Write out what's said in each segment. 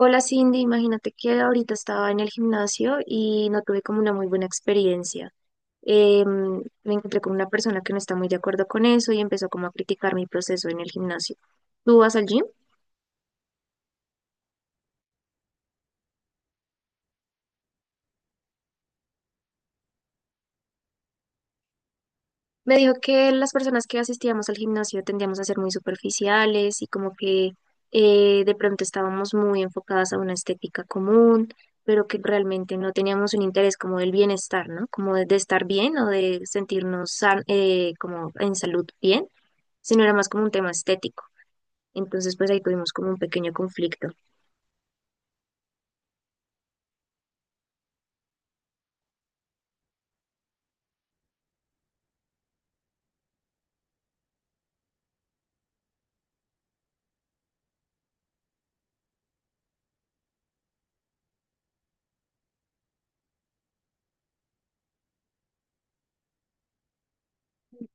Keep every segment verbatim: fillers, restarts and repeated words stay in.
Hola Cindy, imagínate que ahorita estaba en el gimnasio y no tuve como una muy buena experiencia. Em, me encontré con una persona que no está muy de acuerdo con eso y empezó como a criticar mi proceso en el gimnasio. ¿Tú vas al gym? Me dijo que las personas que asistíamos al gimnasio tendíamos a ser muy superficiales y como que eh, de pronto estábamos muy enfocadas a una estética común, pero que realmente no teníamos un interés como del bienestar, ¿no? Como de, de estar bien o de sentirnos san- eh, como en salud bien, sino era más como un tema estético. Entonces, pues ahí tuvimos como un pequeño conflicto.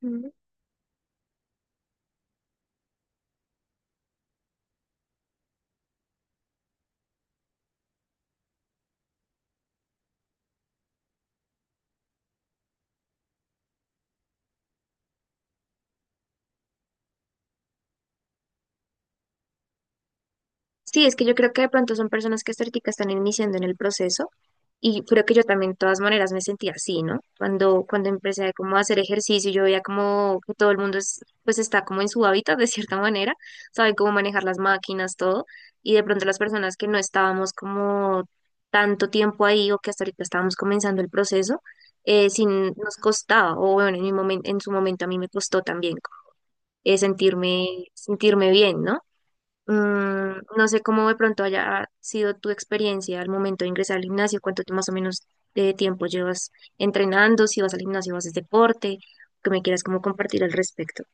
Ujú. Sí, es que yo creo que de pronto son personas que estéticas están iniciando en el proceso y creo que yo también de todas maneras me sentía así, ¿no? Cuando, cuando empecé como a hacer ejercicio, yo veía como que todo el mundo es, pues está como en su hábitat de cierta manera, saben cómo manejar las máquinas, todo, y de pronto las personas que no estábamos como tanto tiempo ahí o que hasta ahorita estábamos comenzando el proceso, eh, sin, nos costaba, o bueno, en mi momen- en su momento a mí me costó también eh, sentirme, sentirme bien, ¿no? Mm, no sé cómo de pronto haya sido tu experiencia al momento de ingresar al gimnasio, cuánto te- más o menos de tiempo llevas entrenando, si vas al gimnasio, haces deporte, que me quieras como compartir al respecto.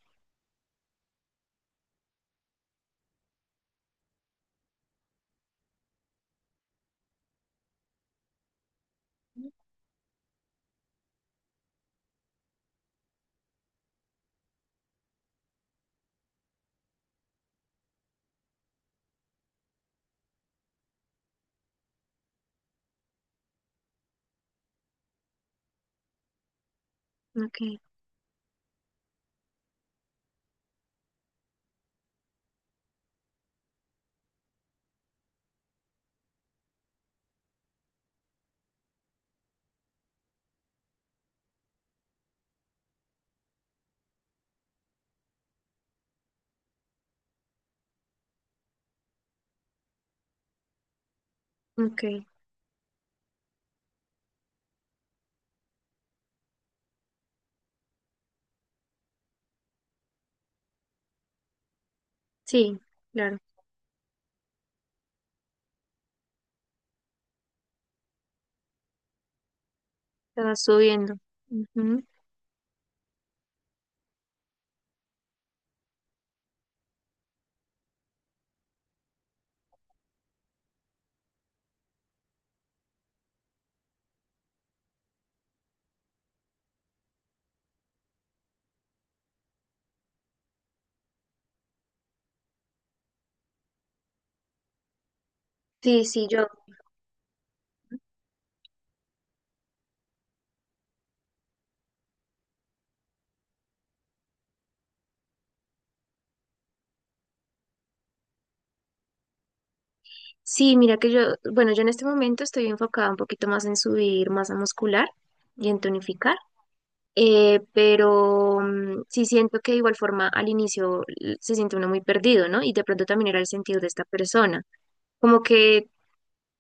Okay, okay, sí, claro, te vas subiendo. Ujú. Sí, sí, yo, sí, mira que yo, bueno, yo en este momento estoy enfocada un poquito más en subir masa muscular y en tonificar. Eh, pero mm, sí siento que de igual forma al inicio l- se siente uno muy perdido, ¿no? Y de pronto también era el sentido de esta persona. Como que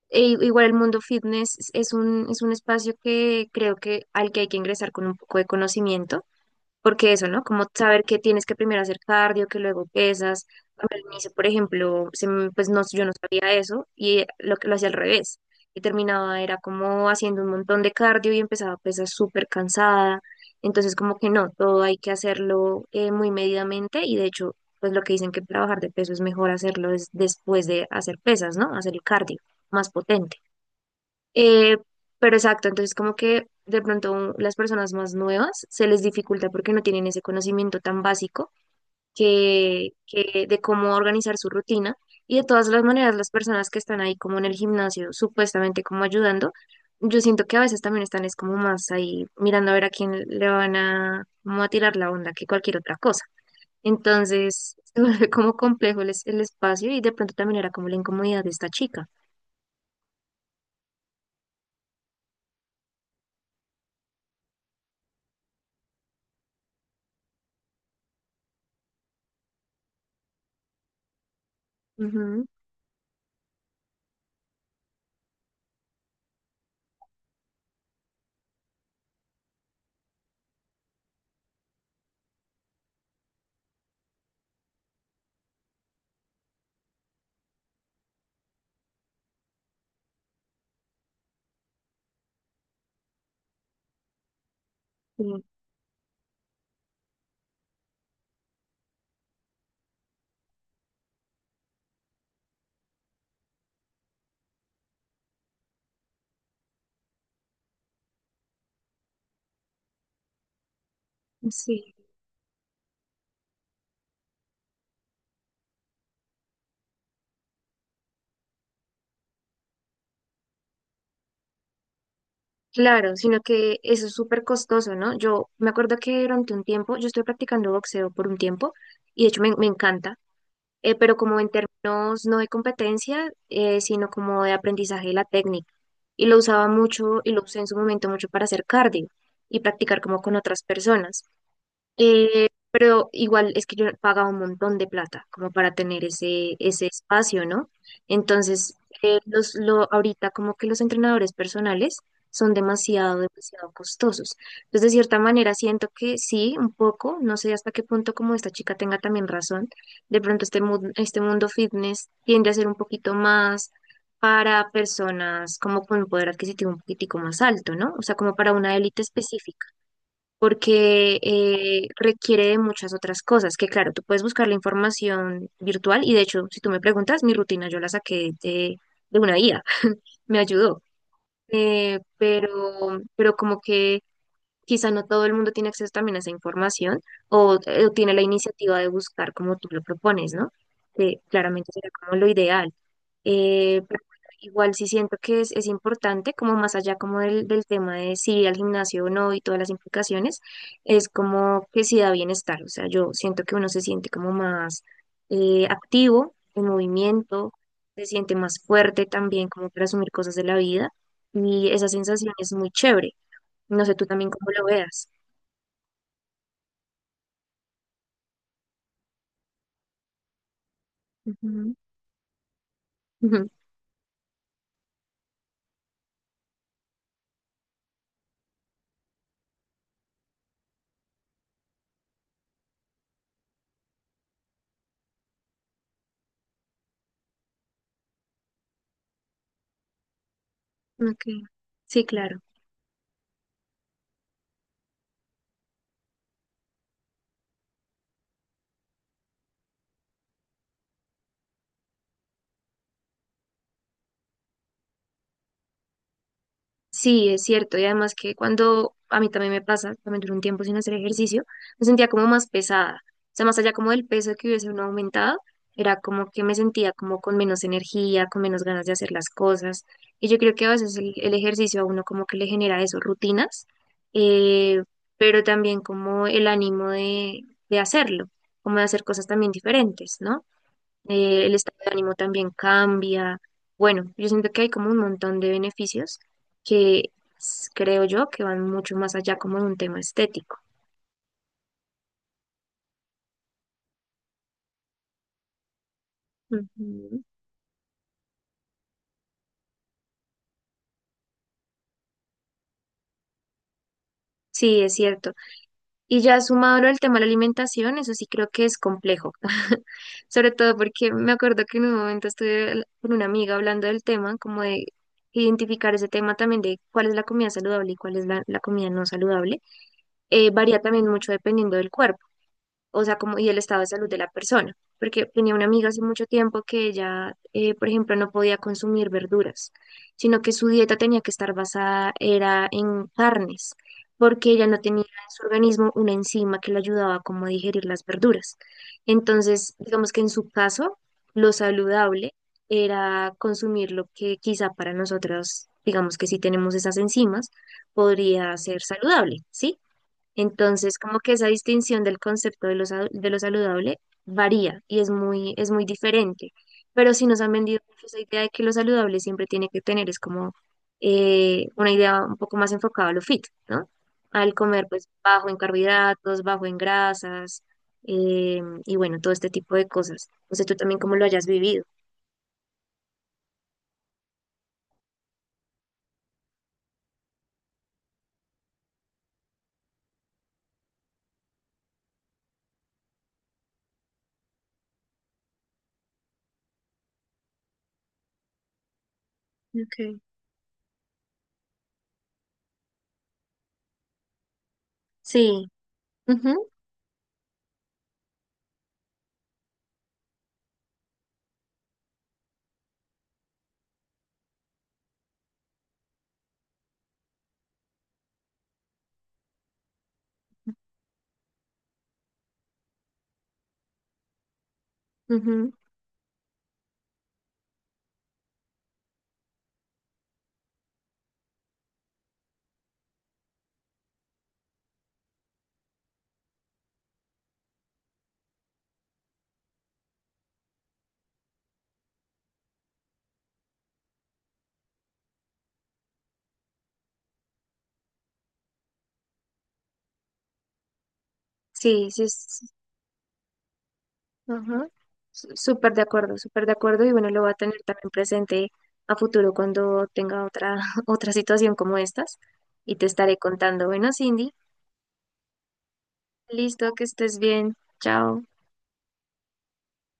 e- igual el mundo fitness es es un, es un espacio que creo que al que hay que ingresar con un poco de conocimiento porque eso, ¿no? Como saber que tienes que primero hacer cardio, que luego pesas. A mí al inicio, por ejemplo, se me- pues no, yo no sabía eso y lo que lo hacía al revés. Y terminaba, era como haciendo un montón de cardio y empezaba a pesar súper cansada. Entonces, como que no, todo hay que hacerlo eh, muy medidamente y de hecho, pues lo que dicen que para bajar de peso es mejor hacerlo es después de hacer pesas, ¿no? Hacer el cardio más potente. Eh, pero exacto, entonces como que de pronto un- las personas más nuevas se les dificulta porque no tienen ese conocimiento tan básico que, que de cómo organizar su rutina. Y de todas las maneras, las personas que están ahí como en el gimnasio, supuestamente como ayudando, yo siento que a veces también están es como más ahí mirando a ver a quién le van a, como a tirar la onda que cualquier otra cosa. Entonces se vuelve como complejo el, es- el espacio y de pronto también era como la incomodidad de esta chica. Ujú, sí. Sí. Claro, sino que eso es súper costoso, ¿no? Yo me acuerdo que durante un tiempo, yo estoy practicando boxeo por un tiempo y de hecho me, me encanta, eh, pero como en términos no de competencia, eh, sino como de aprendizaje de la técnica. Y lo usaba mucho y lo usé en su momento mucho para hacer cardio y practicar como con otras personas. Eh, pero igual es que yo pagaba un montón de plata como para tener ese, ese espacio, ¿no? Entonces, eh, los, lo, ahorita como que los entrenadores personales son demasiado, demasiado costosos. Entonces, de cierta manera, siento que sí, un poco, no sé hasta qué punto como esta chica tenga también razón, de pronto este, mu- este mundo fitness tiende a ser un poquito más para personas como con un poder adquisitivo un poquitico más alto, ¿no? O sea, como para una élite específica porque eh, requiere de muchas otras cosas, que claro, tú puedes buscar la información virtual y de hecho, si tú me preguntas, mi rutina yo la saqué de, de una guía, me ayudó, eh, pero, pero como que quizá no todo el mundo tiene acceso también a esa información o, eh, o tiene la iniciativa de buscar como tú lo propones, ¿no? Que claramente será como lo ideal. Eh, pero bueno, igual sí siento que es, es importante, como más allá como del, del tema de si ir al gimnasio o no y todas las implicaciones, es como que sí da bienestar. O sea, yo siento que uno se siente como más eh, activo, en movimiento, se siente más fuerte también como para asumir cosas de la vida y esa sensación es muy chévere. No sé tú también cómo lo veas. Ujú, ujú, ok. Sí, claro. Sí, es cierto. Y además que cuando a mí también me pasa, también duré un tiempo sin hacer ejercicio, me sentía como más pesada. O sea, más allá como del peso que hubiese uno aumentado, era como que me sentía como con menos energía, con menos ganas de hacer las cosas. Y yo creo que a veces el, el ejercicio a uno como que le genera eso, rutinas, eh, pero también como el ánimo de, de hacerlo, como de hacer cosas también diferentes, ¿no? eh, el estado de ánimo también cambia. Bueno, yo siento que hay como un montón de beneficios que s- creo yo que van mucho más allá como de un tema estético. Ujú. Sí, es cierto. Y ya sumado al tema de la alimentación, eso sí creo que es complejo. Sobre todo porque me acuerdo que en un momento estuve al- con una amiga hablando del tema, como de identificar ese tema también de cuál es la comida saludable y cuál es la, la comida no saludable. Eh, varía también mucho dependiendo del cuerpo. O sea, como y el estado de salud de la persona, porque tenía una amiga hace mucho tiempo que ella, eh, por ejemplo, no podía consumir verduras, sino que su dieta tenía que estar basada era en carnes, porque ella no tenía en su organismo una enzima que le ayudaba como a digerir las verduras. Entonces, digamos que en su caso, lo saludable era consumir lo que quizá para nosotros, digamos que si tenemos esas enzimas, podría ser saludable, ¿sí? Entonces, como que esa distinción del concepto de lo, sa- de lo saludable varía y es muy, es muy diferente. Pero si nos han vendido mucho esa idea de que lo saludable siempre tiene que tener, es como eh, una idea un poco más enfocada a lo fit, ¿no? Al comer, pues, bajo en carbohidratos, bajo en grasas, eh, y bueno, todo este tipo de cosas. No sé tú también cómo lo hayas vivido. Okay. Sí, ujú, ujú. Sí, sí, es- Ajá. Su- Súper de acuerdo, súper de acuerdo y bueno, lo va a tener también presente a futuro cuando tenga otra, otra situación como estas y te estaré contando. Bueno, Cindy, listo, que estés bien. Chao.